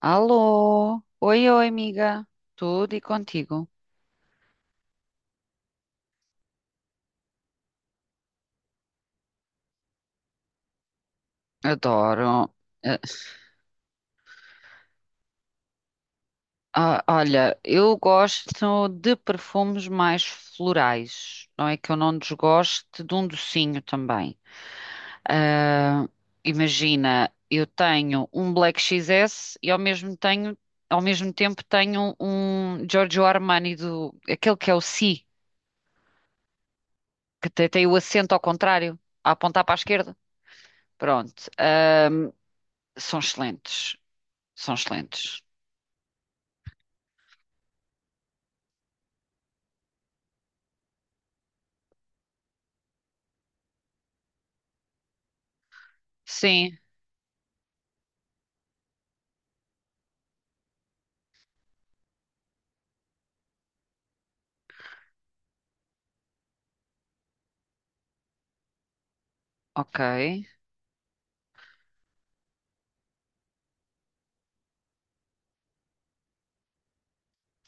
Alô? Oi, oi, amiga. Tudo e contigo? Adoro. Eh, Olha, eu gosto de perfumes mais florais. Não é que eu não desgoste de um docinho também. Ah, Imagina, eu tenho um Black XS e ao mesmo, tenho, ao mesmo tempo tenho um Giorgio Armani, do, aquele que é o Si, que tem o acento ao contrário, a apontar para a esquerda. Pronto. São excelentes. São excelentes. Sim, ok.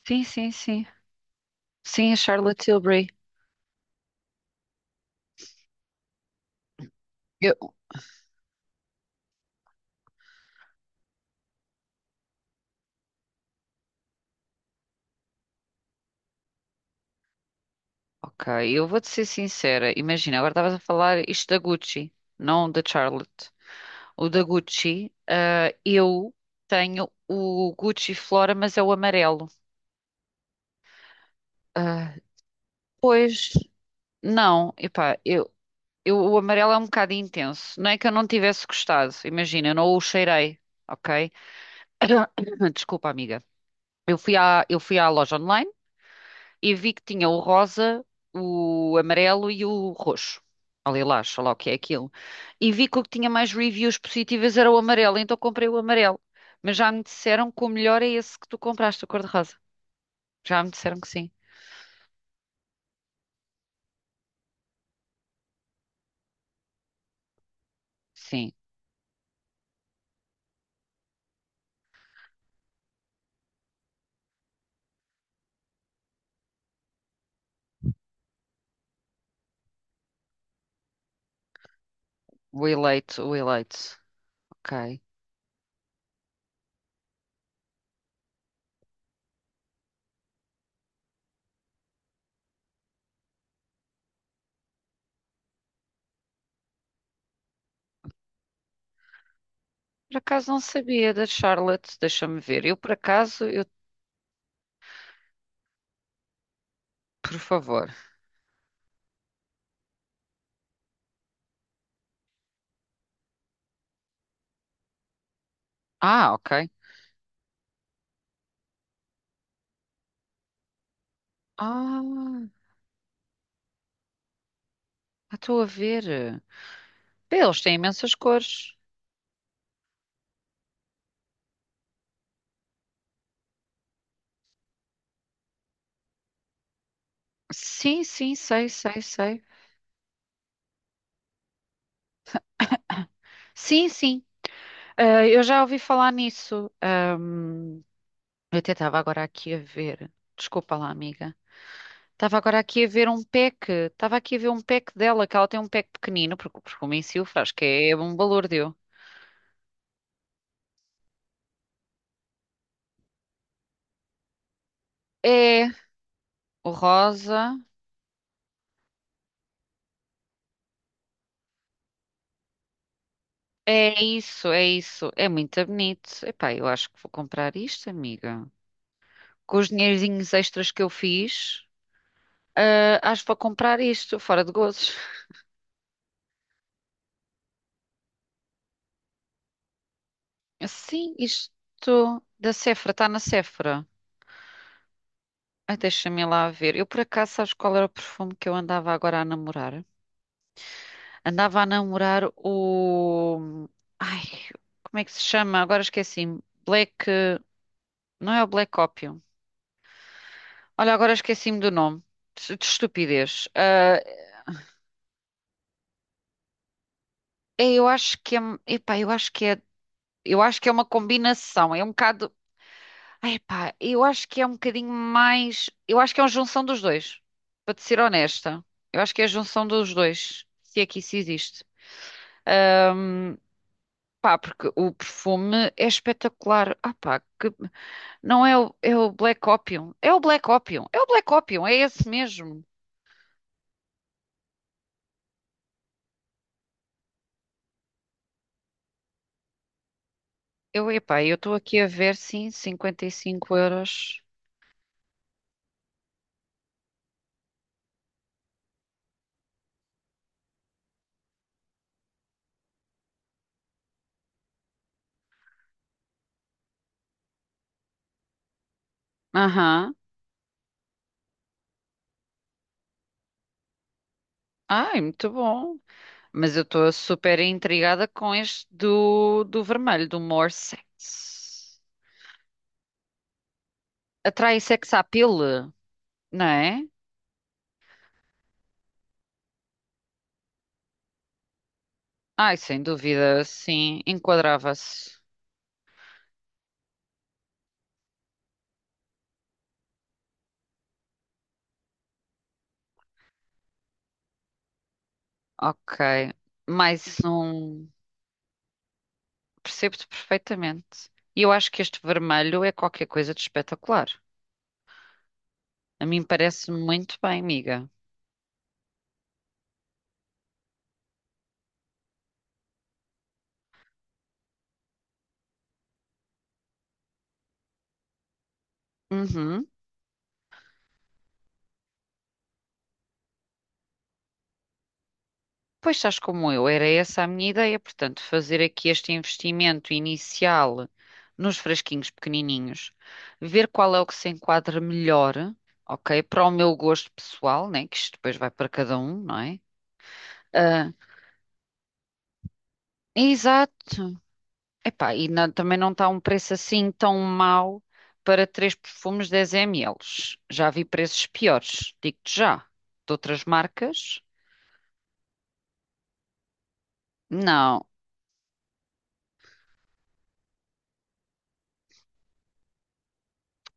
Sim, sim, sim. Sim, a Charlotte Tilbury. Eu- ok, eu vou-te ser sincera. Imagina, agora estavas a falar isto da Gucci, não da Charlotte. O da Gucci, eu tenho o Gucci Flora, mas é o amarelo. Ah, pois, não, epá, eu, o amarelo é um bocado intenso. Não é que eu não tivesse gostado, imagina, eu não o cheirei, ok? Desculpa, amiga. Eu fui à loja online. E vi que tinha o rosa, o amarelo e o roxo. Ou lilás, sei lá o que é aquilo. E vi que o que tinha mais reviews positivas era o amarelo, então comprei o amarelo. Mas já me disseram que o melhor é esse que tu compraste, a cor-de-rosa. Já me disseram que sim. Sim, o eleito, o eleito. Ok. Por acaso não sabia da Charlotte, deixa-me ver. Eu por acaso, eu, por favor. Ah, ok. Ah, estou a ver. Pá, eles têm imensas cores. Sim, sim, sei, sei, sei. Sim, sim. Ah, eu já ouvi falar nisso. Eu até estava agora aqui a ver. Desculpa lá, amiga. Estava agora aqui a ver um pack. Estava aqui a ver um pack dela, que ela tem um pack pequenino, porque o Mincilfra, acho que é um balúrdio. É, o rosa. É isso, é isso. É muito bonito. Epá, eu acho que vou comprar isto, amiga. Com os dinheirinhos extras que eu fiz, acho que vou comprar isto, fora de gozos. Sim, isto da Sephora, está na Sephora. Ai, deixa-me lá ver. Eu por acaso, sabes qual era o perfume que eu andava agora a namorar? Andava a namorar o. Ai, como é que se chama? Agora esqueci-me. Black. Não é o Black Opium. Olha, agora esqueci-me do nome. De estupidez. É, eu acho que é. Epá, eu acho que é. Eu acho que é uma combinação. É um bocado. Ai, pá, eu acho que é um bocadinho mais. Eu acho que é uma junção dos dois. Para te ser honesta. Eu acho que é a junção dos dois. Se é que isso existe. Ahm, porque o perfume é espetacular. Ah, pá, não é o, é o Black Opium. É o Black Opium. É o Black Opium. É esse mesmo. Eu estou aqui a ver, sim, 55 euros. Aham. Ai, muito bom. Mas eu estou super intrigada com este do, do vermelho, do More Sex. Atrai sex appeal, não é? Ai, sem dúvida, sim, enquadrava-se. Ok. Mais um. Percebo-te perfeitamente. E eu acho que este vermelho é qualquer coisa de espetacular. A mim parece-me muito bem, amiga. Uhum. Pois estás como eu, era essa a minha ideia. Portanto, fazer aqui este investimento inicial nos frasquinhos pequenininhos, ver qual é o que se enquadra melhor, ok? Para o meu gosto pessoal, né? Que isto depois vai para cada um, não é? Ah, Exato. Epá, e também não está um preço assim tão mau para três perfumes 10 ml. Já vi preços piores, digo-te já. De outras marcas? Não.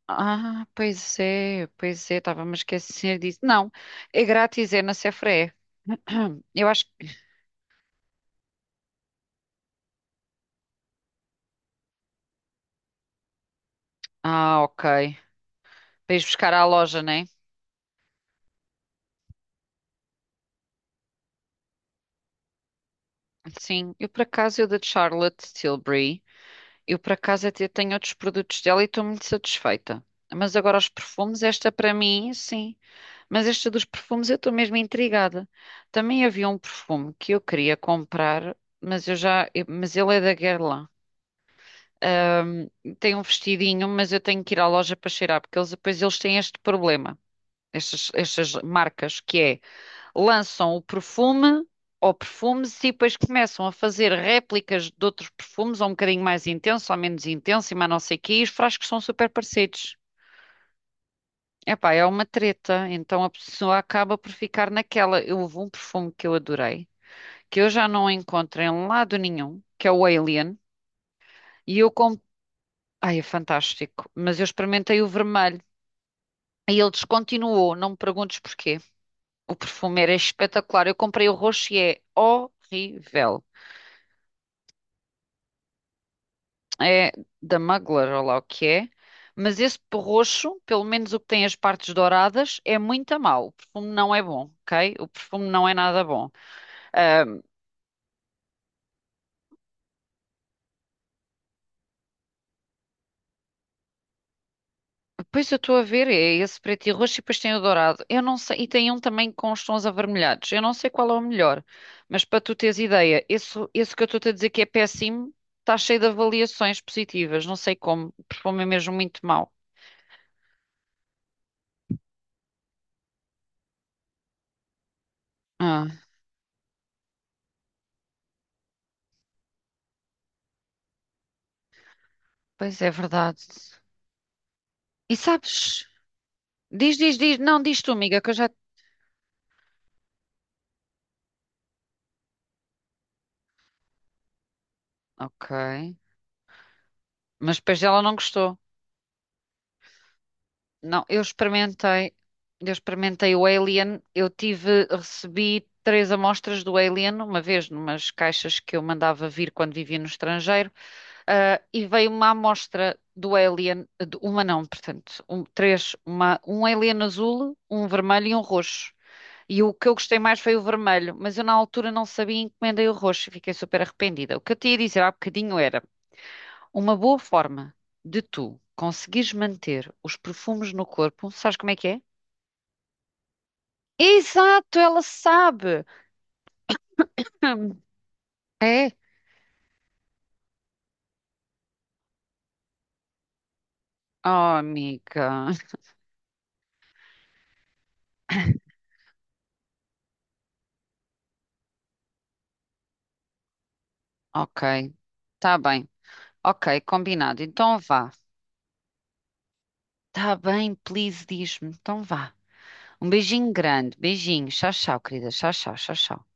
Ah, pois é, estava-me a esquecer disso. Não, é grátis, é na Sephora. Eu acho que. Ah, ok. Para ires buscar à loja, né? Sim, eu por acaso, eu da Charlotte Tilbury, eu por acaso até tenho outros produtos dela e estou muito satisfeita. Mas agora os perfumes, esta para mim, sim. Mas esta dos perfumes eu estou mesmo intrigada. Também havia um perfume que eu queria comprar, mas eu mas ele é da Guerlain. Ahm, tem um vestidinho, mas eu tenho que ir à loja para cheirar, porque eles têm este problema, estas marcas, que é lançam o perfume ou perfumes e depois começam a fazer réplicas de outros perfumes, ou um bocadinho mais intenso, ou menos intenso, e mais não sei o quê, e os frascos são super parecidos. Epá, é uma treta, então a pessoa acaba por ficar naquela. Houve um perfume que eu adorei, que eu já não encontro em lado nenhum, que é o Alien, e eu comprei. Ai, é fantástico, mas eu experimentei o vermelho e ele descontinuou, não me perguntes porquê. O perfume era espetacular, eu comprei o roxo e é horrível. É da Mugler, ou lá o que é, mas esse roxo, pelo menos o que tem as partes douradas, é muito a mau. O perfume não é bom, ok? O perfume não é nada bom. Ah, Pois eu estou a ver, é esse preto e roxo e depois tem o dourado. Eu não sei, e tem um também com os tons avermelhados. Eu não sei qual é o melhor, mas para tu teres ideia, esse que eu estou-te a dizer que é péssimo, está cheio de avaliações positivas, não sei como, o perfume é mesmo muito mau. Ah, pois é verdade. E sabes? Diz, diz, diz, não, diz tu, amiga, que eu já. Ok. Mas depois ela não gostou. Não, eu experimentei o Alien, eu tive, recebi 3 amostras do Alien, uma vez numas caixas que eu mandava vir quando vivia no estrangeiro, e veio uma amostra do Alien, uma não, portanto, três, uma, um Alien azul, um vermelho e um roxo. E o que eu gostei mais foi o vermelho, mas eu na altura não sabia e encomendei o roxo e fiquei super arrependida. O que eu te ia dizer há bocadinho era uma boa forma de tu conseguires manter os perfumes no corpo, sabes como é que é? Exato, ela sabe! Hum, É? Oh, amiga. Ok, tá bem. Ok, combinado. Então vá. Tá bem, please, diz-me. Então vá. Um beijinho grande, beijinho. Tchau, tchau, querida. Tchau, tchau, tchau, tchau.